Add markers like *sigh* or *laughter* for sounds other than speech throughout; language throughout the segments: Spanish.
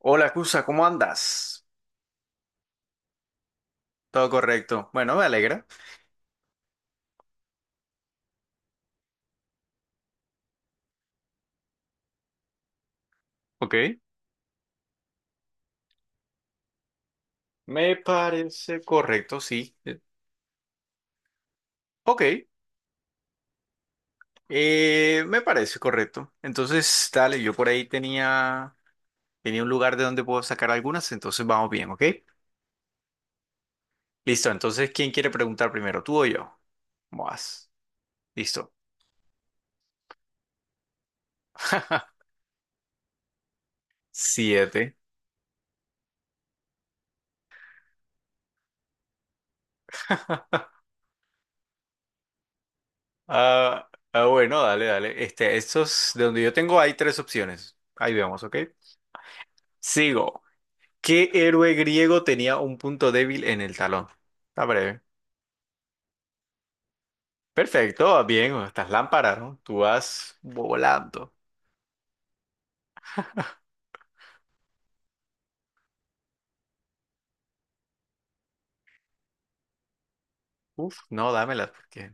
Hola, Cusa, ¿cómo andas? Todo correcto. Bueno, me alegra. Ok. Me parece correcto, sí. Ok. Me parece correcto. Entonces, dale, yo por ahí tenía un lugar de donde puedo sacar algunas, entonces vamos bien, ¿ok? Listo, entonces, ¿quién quiere preguntar primero, tú o yo? Vas. Listo. *laughs* Siete. *laughs* Bueno, dale. Estos, de donde yo tengo hay tres opciones. Ahí vemos, ¿ok? Sigo. ¿Qué héroe griego tenía un punto débil en el talón? Está breve. Perfecto, bien, estas lámparas, ¿no? Tú vas volando. Uf, no, dámelas porque.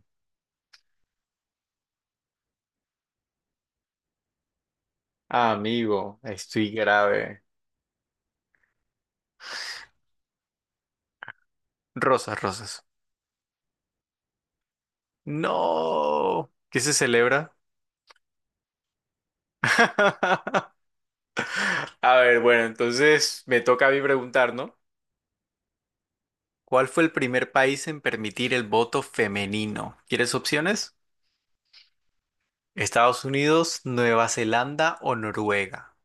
Amigo, estoy grave. Rosas. No. ¿Qué se celebra? *laughs* A ver, bueno, entonces me toca a mí preguntar, ¿no? ¿Cuál fue el primer país en permitir el voto femenino? ¿Quieres opciones? ¿Estados Unidos, Nueva Zelanda o Noruega?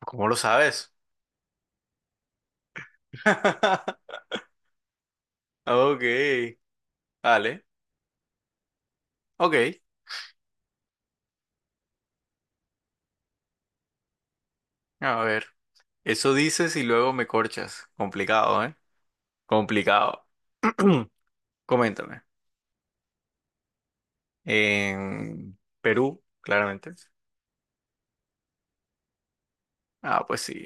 ¿Cómo lo sabes? *laughs* Ok, vale. Ok, a ver. Eso dices y luego me corchas. Complicado, ¿eh? Complicado. *clears throat* Coméntame. En Perú, claramente. Ah, pues sí.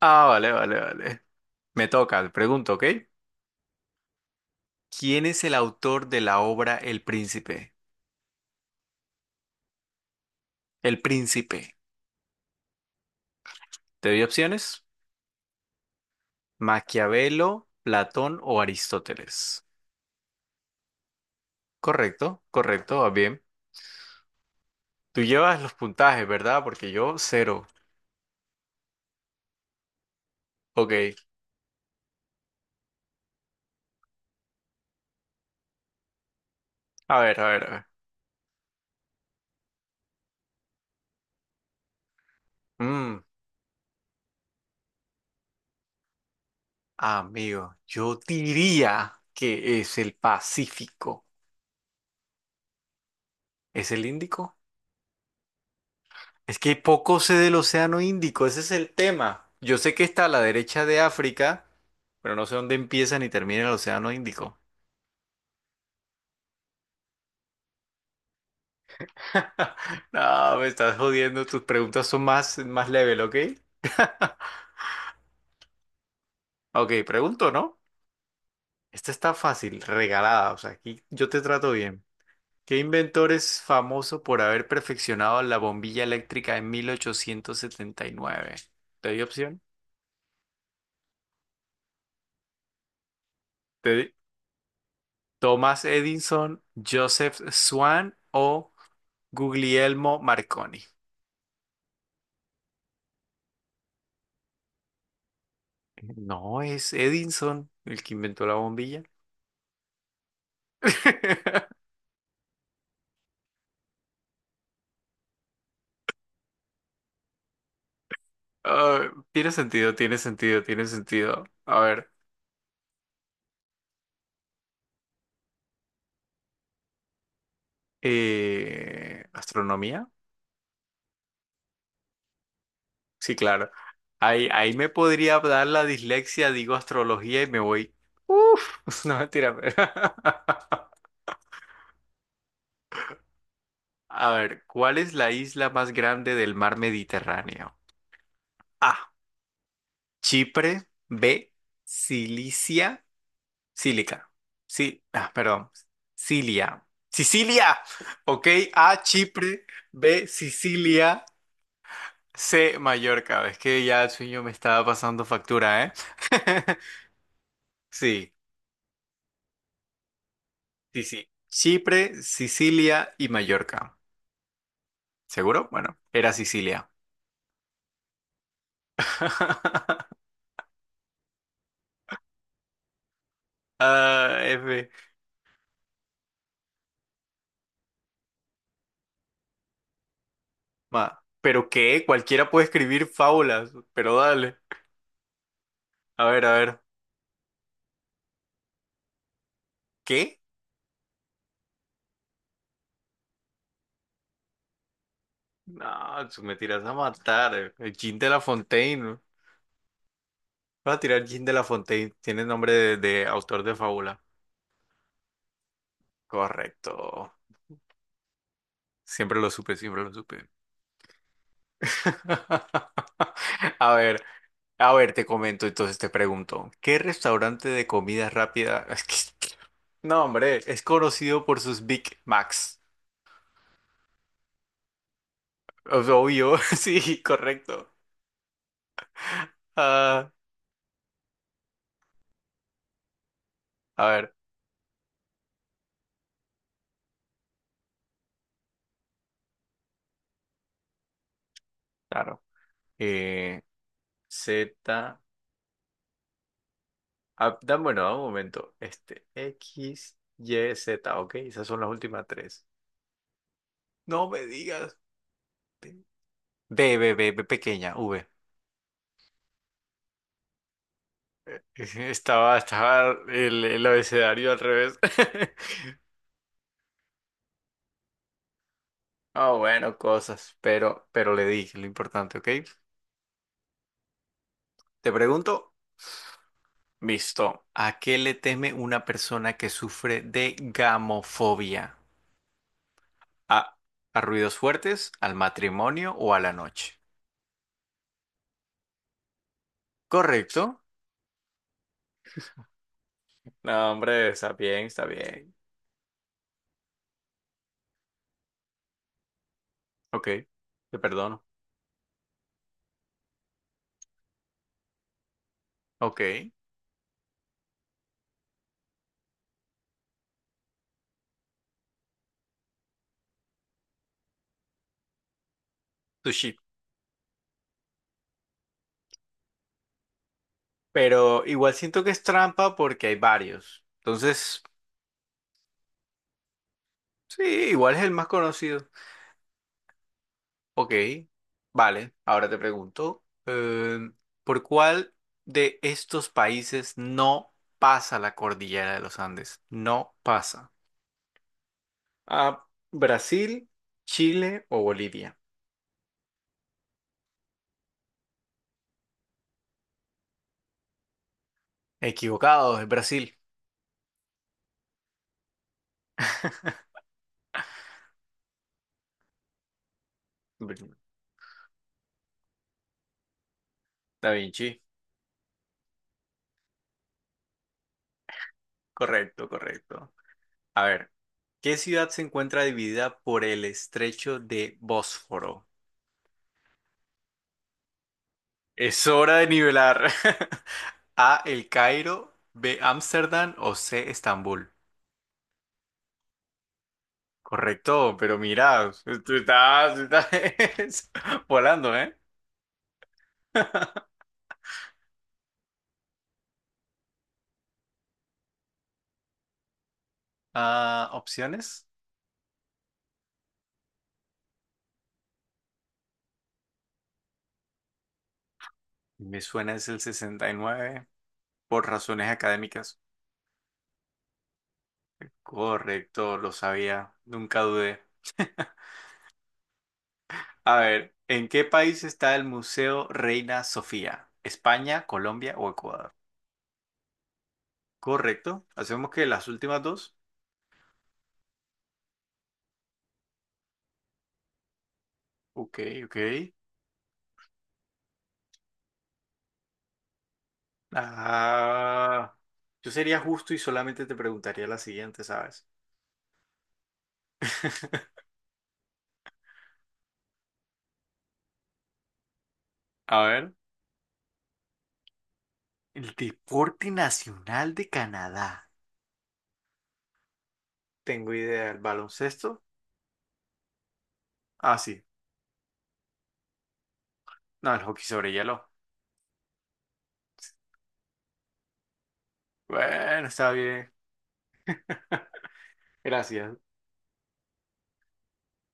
Vale. Me toca, te pregunto, ¿ok? ¿Quién es el autor de la obra El Príncipe? El Príncipe. ¿Te doy opciones? Maquiavelo, Platón o Aristóteles. Correcto, va bien. Tú llevas los puntajes, ¿verdad? Porque yo cero. Ok, a ver. Mm, amigo, yo diría que es el Pacífico. ¿Es el Índico? Es que poco sé del Océano Índico, ese es el tema. Yo sé que está a la derecha de África, pero no sé dónde empieza ni termina el Océano Índico. *laughs* No, me estás jodiendo, tus preguntas son más level, ¿ok? *laughs* Ok, pregunto, ¿no? Esta está fácil, regalada, o sea, aquí yo te trato bien. ¿Qué inventor es famoso por haber perfeccionado la bombilla eléctrica en 1879? ¿Te di opción? Te di- Thomas Edison, Joseph Swan o Guglielmo Marconi. No, es Edison el que inventó la bombilla. *laughs* Ah, tiene sentido. A ver, ¿astronomía? Sí, claro. Ahí me podría dar la dislexia, digo astrología y me voy. Uf, *laughs* no mentira, pero- *laughs* A ver, ¿cuál es la isla más grande del mar Mediterráneo? A. Chipre. B. Cilicia. Sílica. Sí, ah, perdón. Cilia. Sicilia. Ok, A. Chipre. B. Sicilia. C. Mallorca. Es que ya el sueño me estaba pasando factura, ¿eh? *laughs* Sí. Sí, sí. Chipre, Sicilia y Mallorca. ¿Seguro? Bueno, era Sicilia. *laughs* Ah, F. Ma, ¿pero qué? Cualquiera puede escribir fábulas, pero dale. A ver. ¿Qué? No, tú me tiras a matar. El Jean de la Fontaine. Vas a tirar Jean de la Fontaine. Tiene nombre de autor de fábula. Correcto. Siempre lo supe. *laughs* A ver. A ver, te comento, entonces te pregunto, ¿qué restaurante de comida rápida? *laughs* Es que- No, hombre, es conocido por sus Big Macs. O obvio, *laughs* sí, correcto. Ah, a ver, claro. Eh, Z, ah, da- bueno, da un momento. Este, X, Y, Z, ok, esas son las últimas tres. No me digas. B pequeña, V. *laughs* Estaba el abecedario al revés. *laughs* Ah, bueno, pero le dije lo importante, ¿ok? Te pregunto, visto, ¿a qué le teme una persona que sufre de gamofobia? ¿A, a ruidos fuertes, al matrimonio o a la noche? Correcto. No, hombre, está bien. Ok, te perdono. Ok, sushi. Pero igual siento que es trampa porque hay varios. Entonces, sí, igual es el más conocido. Ok, vale, ahora te pregunto, ¿por cuál de estos países no pasa la cordillera de los Andes? No pasa. A Brasil, Chile o Bolivia. Equivocado, es Brasil. *laughs* Br- Da Vinci. Correcto. A ver, ¿qué ciudad se encuentra dividida por el estrecho de Bósforo? Es hora de nivelar. *laughs* A, El Cairo, B, Ámsterdam o C, Estambul. Correcto, pero mira, tú estás *laughs* volando, ¿eh? *laughs* Ah, opciones. Me suena es el 69, por razones académicas. Correcto, lo sabía, nunca dudé. A ver, ¿en qué país está el Museo Reina Sofía? ¿España, Colombia o Ecuador? Correcto, hacemos que las últimas dos. Ok, ok. Ah, yo sería justo y solamente te preguntaría la siguiente, ¿sabes? *laughs* A ver. El deporte nacional de Canadá. Tengo idea, ¿el baloncesto? Ah, sí. No, el hockey sobre hielo. Bueno, está bien. *laughs* Gracias.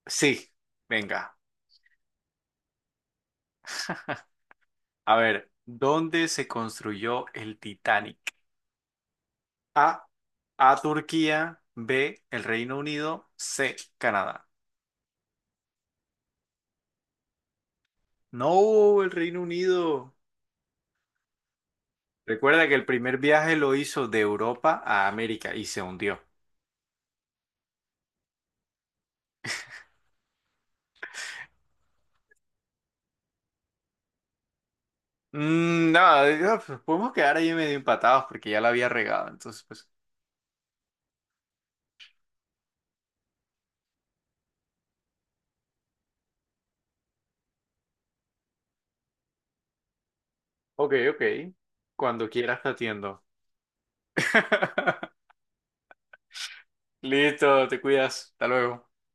Sí, venga. *laughs* A ver, ¿dónde se construyó el Titanic? A. A Turquía. B. El Reino Unido. C. Canadá. No, el Reino Unido. Recuerda que el primer viaje lo hizo de Europa a América y se hundió. Mm, no, digo, pues, podemos quedar ahí medio empatados porque ya la había regado. Entonces, pues, ok. Cuando quieras te atiendo. *laughs* Listo, te cuidas. Hasta luego.